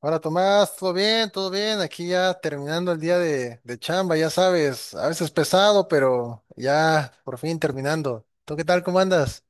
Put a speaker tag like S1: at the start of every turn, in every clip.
S1: Hola Tomás, ¿todo bien? ¿Todo bien? Aquí ya terminando el día de chamba, ya sabes, a veces pesado, pero ya por fin terminando. ¿Tú qué tal? ¿Cómo andas?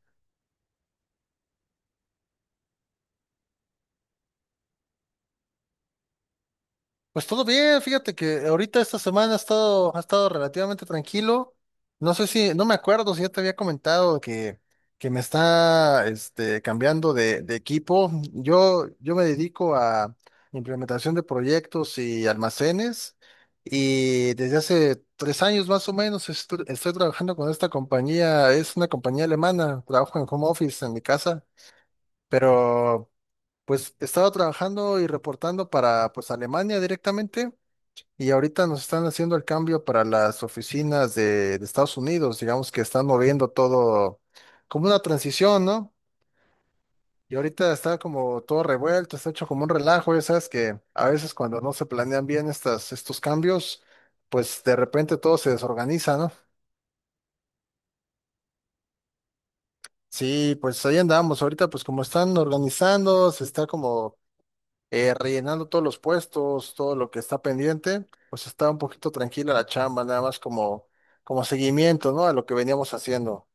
S1: Pues todo bien, fíjate que ahorita esta semana ha estado relativamente tranquilo. No sé si, no me acuerdo si ya te había comentado que me está cambiando de equipo. Yo me dedico a implementación de proyectos y almacenes, y desde hace 3 años más o menos estoy trabajando con esta compañía. Es una compañía alemana, trabajo en home office en mi casa, pero pues estaba trabajando y reportando para pues Alemania directamente. Y ahorita nos están haciendo el cambio para las oficinas de Estados Unidos, digamos que están moviendo todo como una transición, ¿no? Y ahorita está como todo revuelto, está hecho como un relajo, ya sabes que a veces cuando no se planean bien estos cambios, pues de repente todo se desorganiza, ¿no? Sí, pues ahí andamos, ahorita pues como están organizando, se está como rellenando todos los puestos, todo lo que está pendiente, pues está un poquito tranquila la chamba, nada más como seguimiento, ¿no? A lo que veníamos haciendo.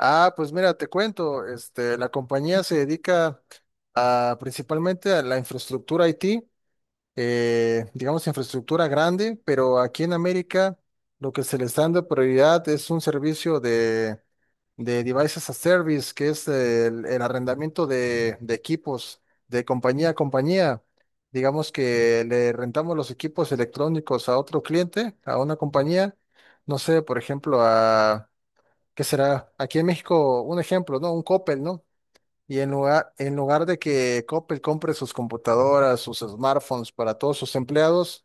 S1: Ah, pues mira, te cuento, este, la compañía se dedica principalmente a la infraestructura IT, digamos, infraestructura grande, pero aquí en América lo que se les está dando prioridad es un servicio de Devices as Service, que es el arrendamiento de equipos de compañía a compañía. Digamos que le rentamos los equipos electrónicos a otro cliente, a una compañía, no sé, por ejemplo, ¿qué será? Aquí en México, un ejemplo, ¿no? Un Coppel, ¿no? Y en lugar de que Coppel compre sus computadoras, sus smartphones para todos sus empleados,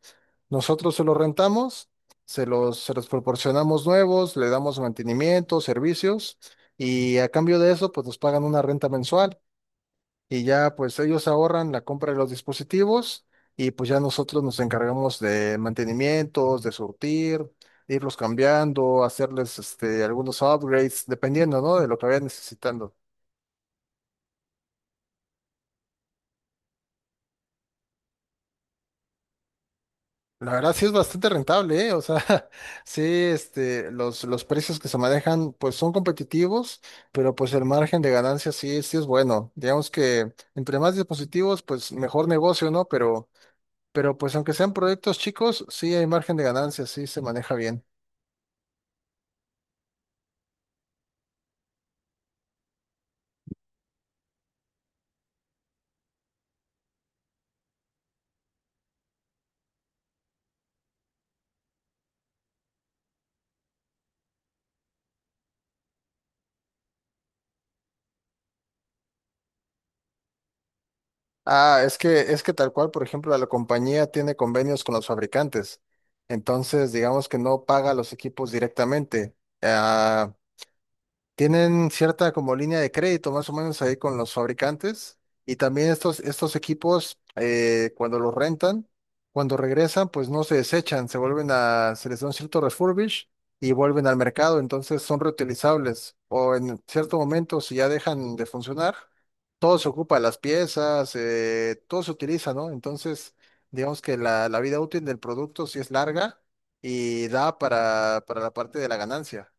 S1: nosotros se los rentamos, se los proporcionamos nuevos, le damos mantenimiento, servicios, y a cambio de eso, pues nos pagan una renta mensual, y ya pues ellos ahorran la compra de los dispositivos, y pues ya nosotros nos encargamos de mantenimientos, de surtir, de irlos cambiando, hacerles algunos upgrades, dependiendo, ¿no? de lo que vayan necesitando. La verdad sí es bastante rentable, ¿eh? O sea, sí, los precios que se manejan pues son competitivos, pero pues el margen de ganancia sí, sí es bueno. Digamos que entre más dispositivos, pues mejor negocio, ¿no? Pero pues aunque sean proyectos chicos, sí hay margen de ganancia, sí se maneja bien. Ah, es que tal cual, por ejemplo, la compañía tiene convenios con los fabricantes. Entonces, digamos que no paga los equipos directamente. Ah, tienen cierta como línea de crédito más o menos ahí con los fabricantes, y también estos equipos, cuando los rentan, cuando regresan pues no se desechan, se les da un cierto refurbish y vuelven al mercado, entonces son reutilizables, o en cierto momento si ya dejan de funcionar, todo se ocupa, las piezas, todo se utiliza, ¿no? Entonces digamos que la vida útil del producto sí es larga y da para la parte de la ganancia.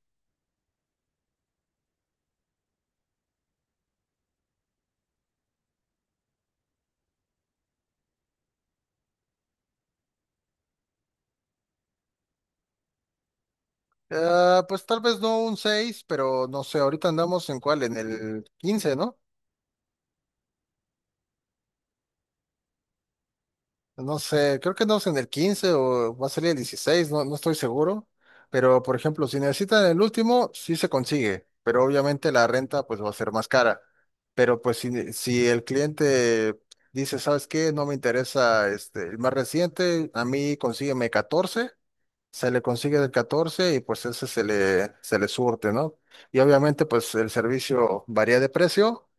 S1: Ah, pues tal vez no un 6, pero no sé, ahorita andamos en cuál, en el 15, ¿no? No sé, creo que andamos en el 15 o va a salir el 16. No, no estoy seguro. Pero, por ejemplo, si necesitan el último, sí se consigue, pero obviamente la renta pues va a ser más cara. Pero pues si, si el cliente dice, ¿sabes qué? No me interesa este, el más reciente, a mí consígueme 14. Se le consigue del 14 y pues ese se le surte, ¿no? Y obviamente pues el servicio varía de precio,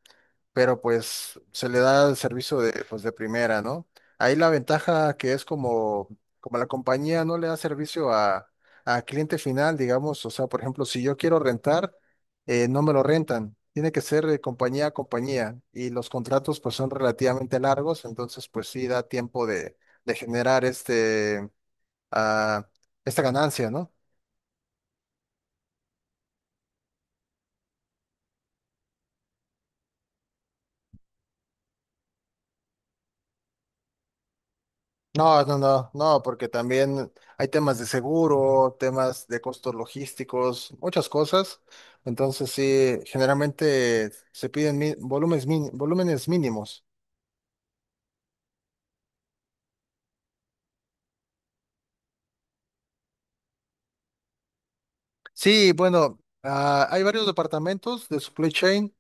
S1: pero pues se le da el servicio de, pues, de primera, ¿no? Ahí la ventaja que es como la compañía no le da servicio a cliente final, digamos, o sea, por ejemplo, si yo quiero rentar, no me lo rentan. Tiene que ser de compañía a compañía, y los contratos pues son relativamente largos, entonces pues sí da tiempo de generar este a esta ganancia, ¿no? No, no, no, no, porque también hay temas de seguro, temas de costos logísticos, muchas cosas. Entonces, sí, generalmente se piden volúmenes mínimos. Sí, bueno, hay varios departamentos de supply chain.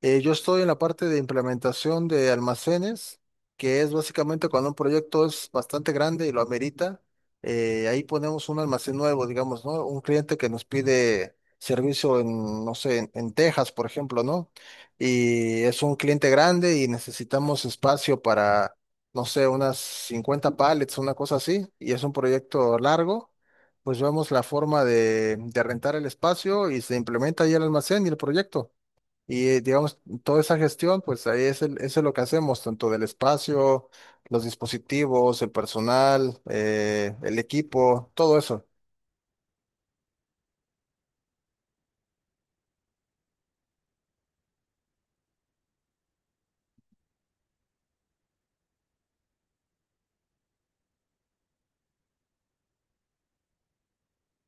S1: Yo estoy en la parte de implementación de almacenes, que es básicamente cuando un proyecto es bastante grande y lo amerita, ahí ponemos un almacén nuevo, digamos, ¿no? Un cliente que nos pide servicio en, no sé, en Texas, por ejemplo, ¿no? Y es un cliente grande y necesitamos espacio para, no sé, unas 50 pallets, una cosa así, y es un proyecto largo. Pues vemos la forma de rentar el espacio y se implementa ahí el almacén y el proyecto. Y digamos, toda esa gestión, pues ahí es, eso es lo que hacemos, tanto del espacio, los dispositivos, el personal, el equipo, todo eso.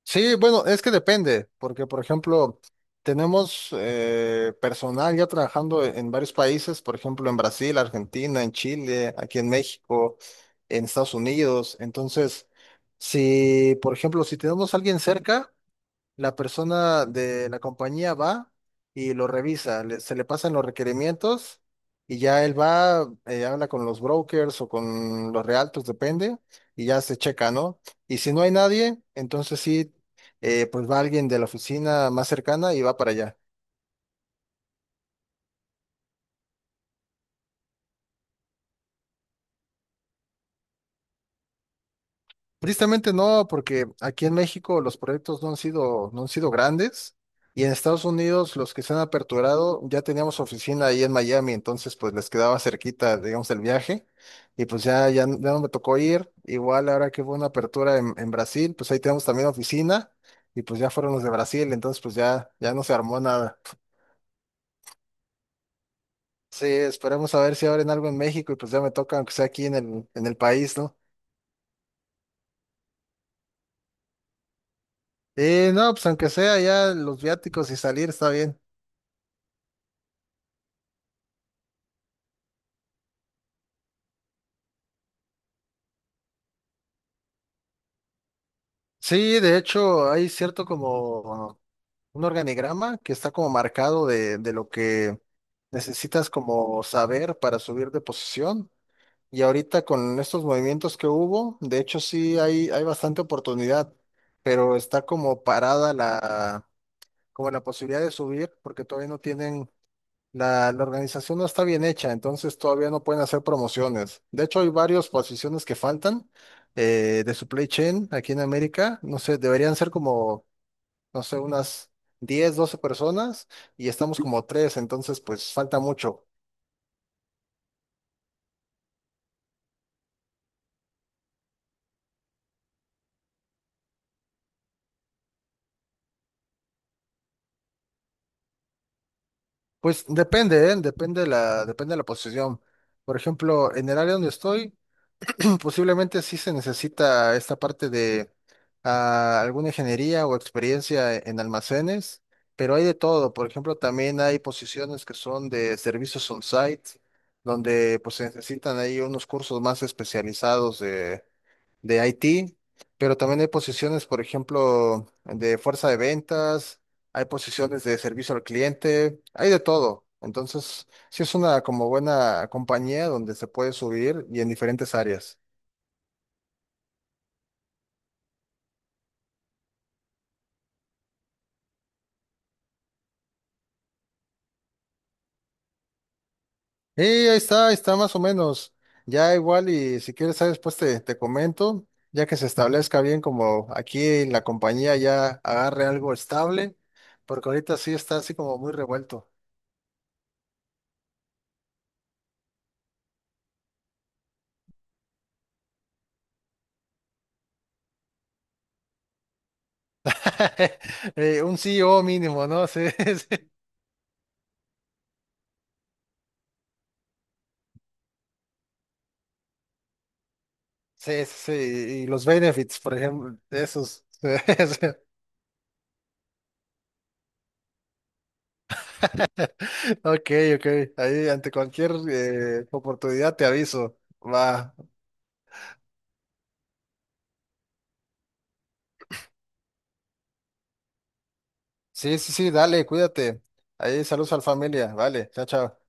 S1: Sí, bueno, es que depende, porque por ejemplo, tenemos personal ya trabajando en varios países, por ejemplo, en Brasil, Argentina, en Chile, aquí en México, en Estados Unidos. Entonces, si, por ejemplo, si tenemos a alguien cerca, la persona de la compañía va y lo revisa, se le pasan los requerimientos y ya él va, habla con los brokers o con los realtors, depende, y ya se checa, ¿no? Y si no hay nadie, entonces sí, pues va alguien de la oficina más cercana y va para allá. Tristemente no, porque aquí en México los proyectos no han sido grandes, y en Estados Unidos los que se han aperturado ya teníamos oficina ahí en Miami, entonces pues les quedaba cerquita, digamos, el viaje, y pues ya, ya, ya no me tocó ir. Igual ahora que hubo una apertura en, Brasil, pues ahí tenemos también oficina, y pues ya fueron los de Brasil, entonces pues ya, ya no se armó nada. Sí, esperemos a ver si abren algo en México y pues ya me toca, aunque sea aquí en el país, ¿no? No, pues aunque sea ya los viáticos y salir está bien. Sí, de hecho, hay cierto como un organigrama que está como marcado de lo que necesitas como saber para subir de posición. Y ahorita con estos movimientos que hubo, de hecho sí hay bastante oportunidad, pero está como parada como la posibilidad de subir porque todavía no tienen la organización, no está bien hecha, entonces todavía no pueden hacer promociones. De hecho, hay varias posiciones que faltan, de supply chain aquí en América. No sé, deberían ser como, no sé, unas 10 12 personas y estamos como tres, entonces pues falta mucho. Pues depende, ¿eh? Depende de la posición. Por ejemplo, en el área donde estoy, posiblemente sí se necesita esta parte de alguna ingeniería o experiencia en almacenes, pero hay de todo. Por ejemplo, también hay posiciones que son de servicios on-site, donde pues se necesitan ahí unos cursos más especializados de IT, pero también hay posiciones, por ejemplo, de fuerza de ventas, hay posiciones de servicio al cliente, hay de todo. Entonces, sí es una como buena compañía donde se puede subir y en diferentes áreas. Y ahí está más o menos. Ya igual y si quieres, después te comento, ya que se establezca bien como aquí en la compañía ya agarre algo estable, porque ahorita sí está así como muy revuelto. Un CEO mínimo, ¿no? Sí, sí, sí, sí. Y los benefits, por ejemplo, esos. Sí, sí. Ok, ok. Ahí ante cualquier oportunidad te aviso. Va. Sí, sí, sí, dale, cuídate. Ahí saludos a la familia. Vale, chao, chao.